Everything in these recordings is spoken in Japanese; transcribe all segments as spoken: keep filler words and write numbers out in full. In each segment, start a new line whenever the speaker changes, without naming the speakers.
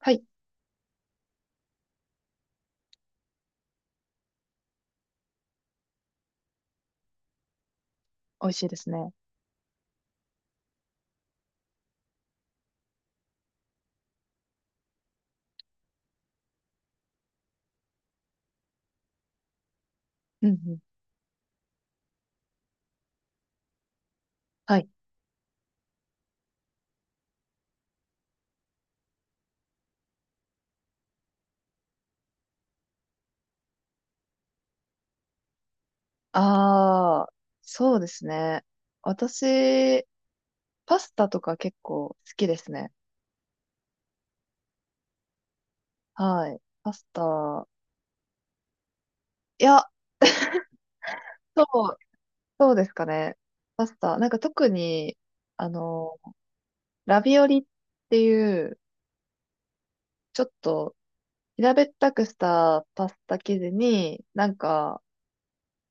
はい。美味しいですね。うんうん。はい。ああ、そうですね。私、パスタとか結構好きですね。はい。パスタ。いや、そう、そうですかね。パスタ。なんか特に、あの、ラビオリっていう、ちょっと平べったくしたパスタ生地に、なんか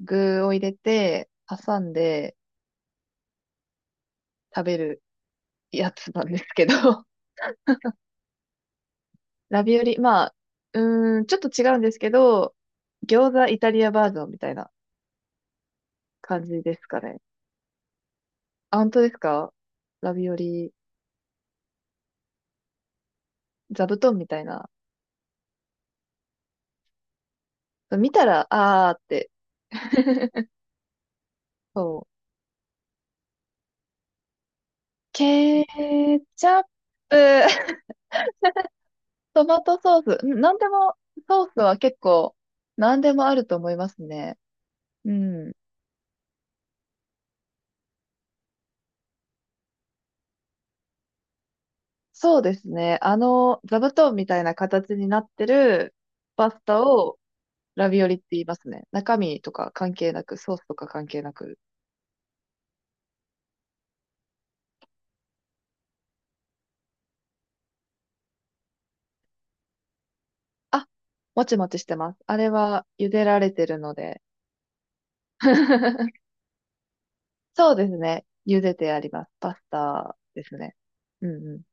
具を入れて、挟んで食べるやつなんですけど、ラビオリ、まあ、うーん、ちょっと違うんですけど、餃子イタリアバージョンみたいな感じですかね。あ、本当ですか？ラビオリ、座布団みたいな。見たら、あーって。そう。ケチャップ、トマトソース、うん、なんでも、ソースは結構、なんでもあると思いますね。うん。そうですね。あの、座布団みたいな形になってるパスタを、ラビオリって言いますね。中身とか関係なく、ソースとか関係なく。あ、もちもちしてます。あれは茹でられてるので。そうですね。茹でてあります。パスタですね。うんうん。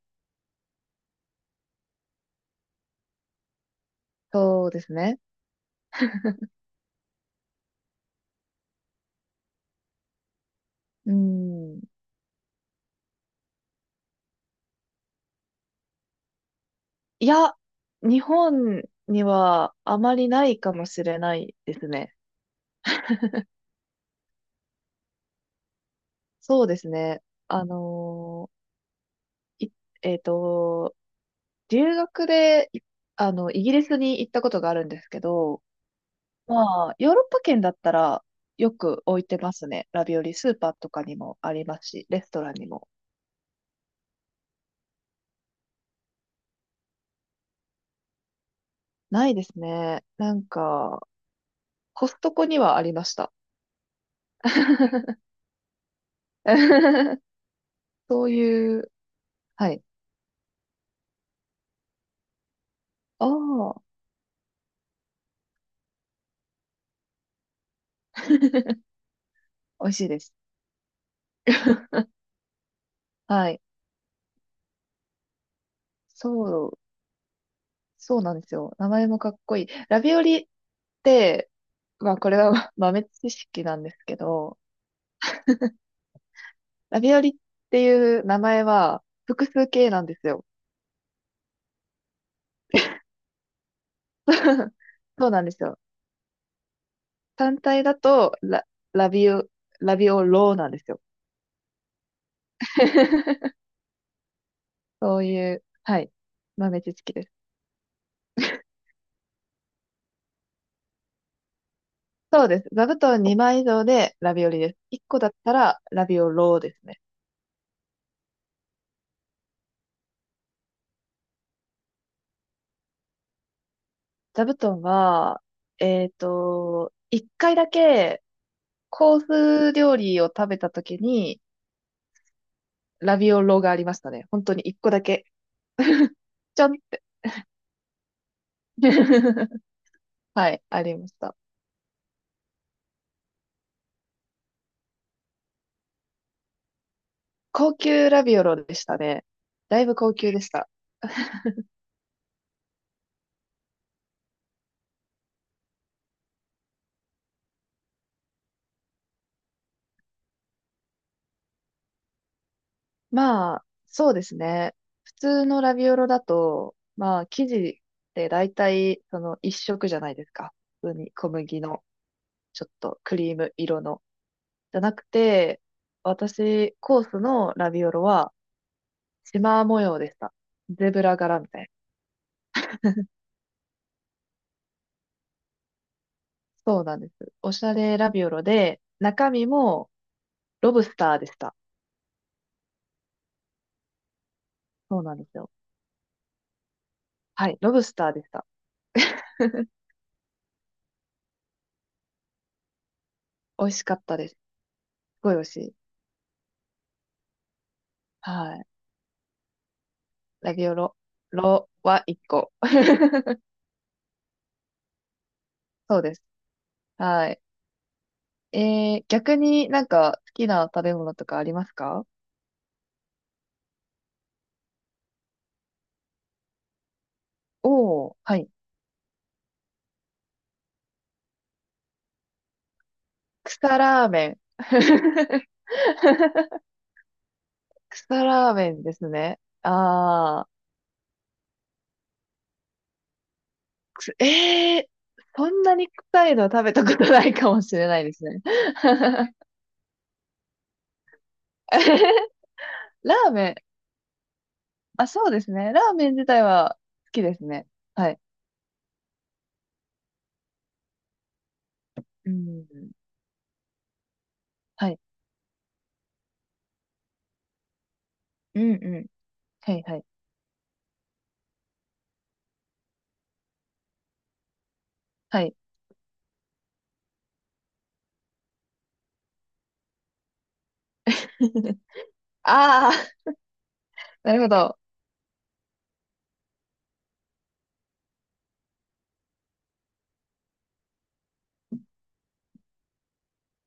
そうですね。うん。いや、日本にはあまりないかもしれないですね。そうですね。あのーいえっと、留学で、いあの、イギリスに行ったことがあるんですけど、まあ、ヨーロッパ圏だったらよく置いてますね。ラビオリ、スーパーとかにもありますし、レストランにも。ないですね。なんか、コストコにはありました。そういう、はい。ああ、美味しいです。はい。そう、そうなんですよ。名前もかっこいい。ラビオリって、まあこれは ま豆知識なんですけど、ラビオリっていう名前は複数形なんですよ。そうなんですよ。単体だと、ラ、ラビオ、ラビオローなんですよ。そういう、はい、豆知識です。そうです。座布団にまい以上でラビオリです。いっこだったらラビオローですね。座布団は、えっと、いっかいだけコース料理を食べた時にラビオローがありましたね。本当にいっこだけ。ちょんって。はい、ありました。高級ラビオロでしたね。だいぶ高級でした。まあ、そうですね。普通のラビオロだと、まあ、生地って大体、その一色じゃないですか。普通に小麦の、ちょっとクリーム色の。じゃなくて、私、コースのラビオロは、シマー模様でした。ゼブラ柄みたいな。そうなんです。おしゃれラビオロで、中身もロブスターでした。そうなんですよ。はい、ロブスターでした。美味しかったです。すごい美味しい。はい。ラビオロ、ロは一個。そうです。はい。えー、逆になんか好きな食べ物とかありますか？おー、はい。草ラーメン。草ラーメンですね。あー、くすえー、そんなに臭いの食べたことないかもしれないですね。ラーメン、あ、そうですね。ラーメン自体は好きですね。はい。うん。はい。うんうん。はい、はい。はい。ああ、なるほど。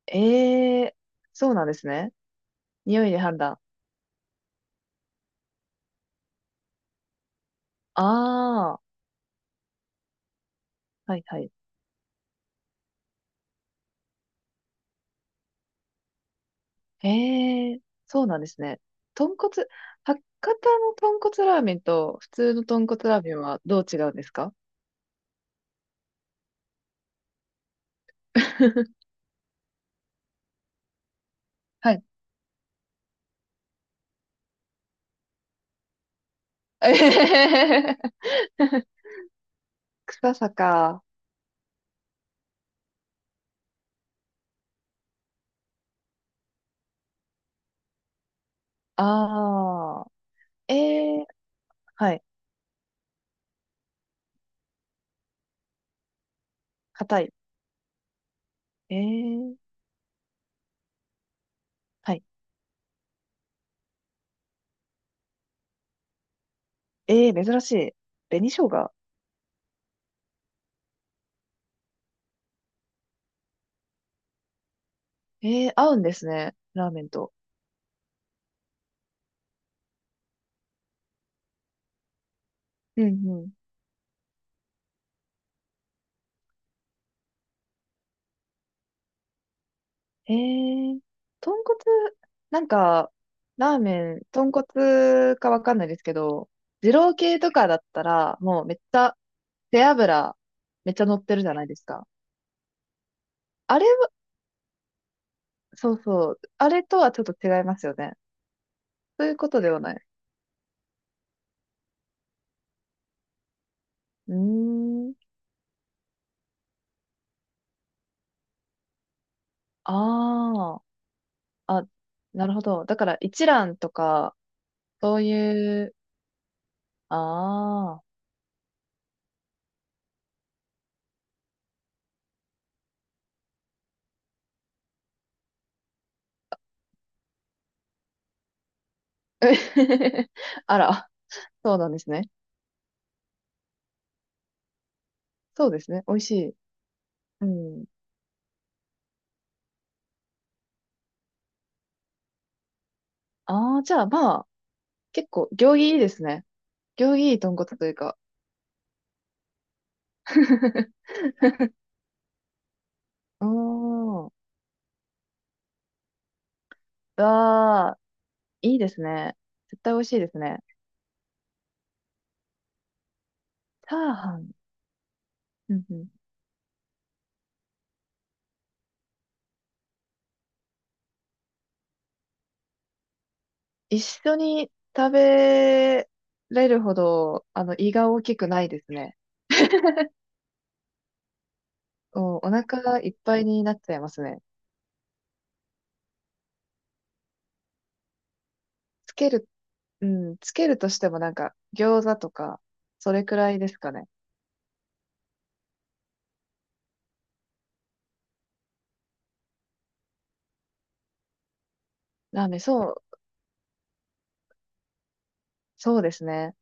ええ、そうなんですね。匂いで判断。ああ、はいはい。へえ、そうなんですね。豚骨、博多の豚骨ラーメンと普通の豚骨ラーメンはどう違うんですか？ はい。えへへへへ、臭さか。ああ、ええ、はい。硬い。ええ、はい。ええ、珍しい。紅生姜。ええ、合うんですね。ラーメンと。うんうん、えー、豚骨、なんか、ラーメン、豚骨かわかんないですけど、二郎系とかだったら、もうめっちゃ、背脂、めっちゃ乗ってるじゃないですか。あれは、そうそう、あれとはちょっと違いますよね。そういうことではない。うーん、ああ、あ、なるほど。だから一蘭とか、そういう、ああ、あら、そうなんですね。そうですね。美味しい。うん。ああ、じゃあまあ、結構、行儀いいですね。行儀いい豚骨というか。うーん。うわあ、いいですね。絶対美味しいですね。チャーハン。うんうん。一緒に食べれるほど、あの、胃が大きくないですね。お、お腹がいっぱいになっちゃいますね。つける、うん、つけるとしてもなんか、餃子とか、それくらいですかね。ラーメン、そう、そうですね。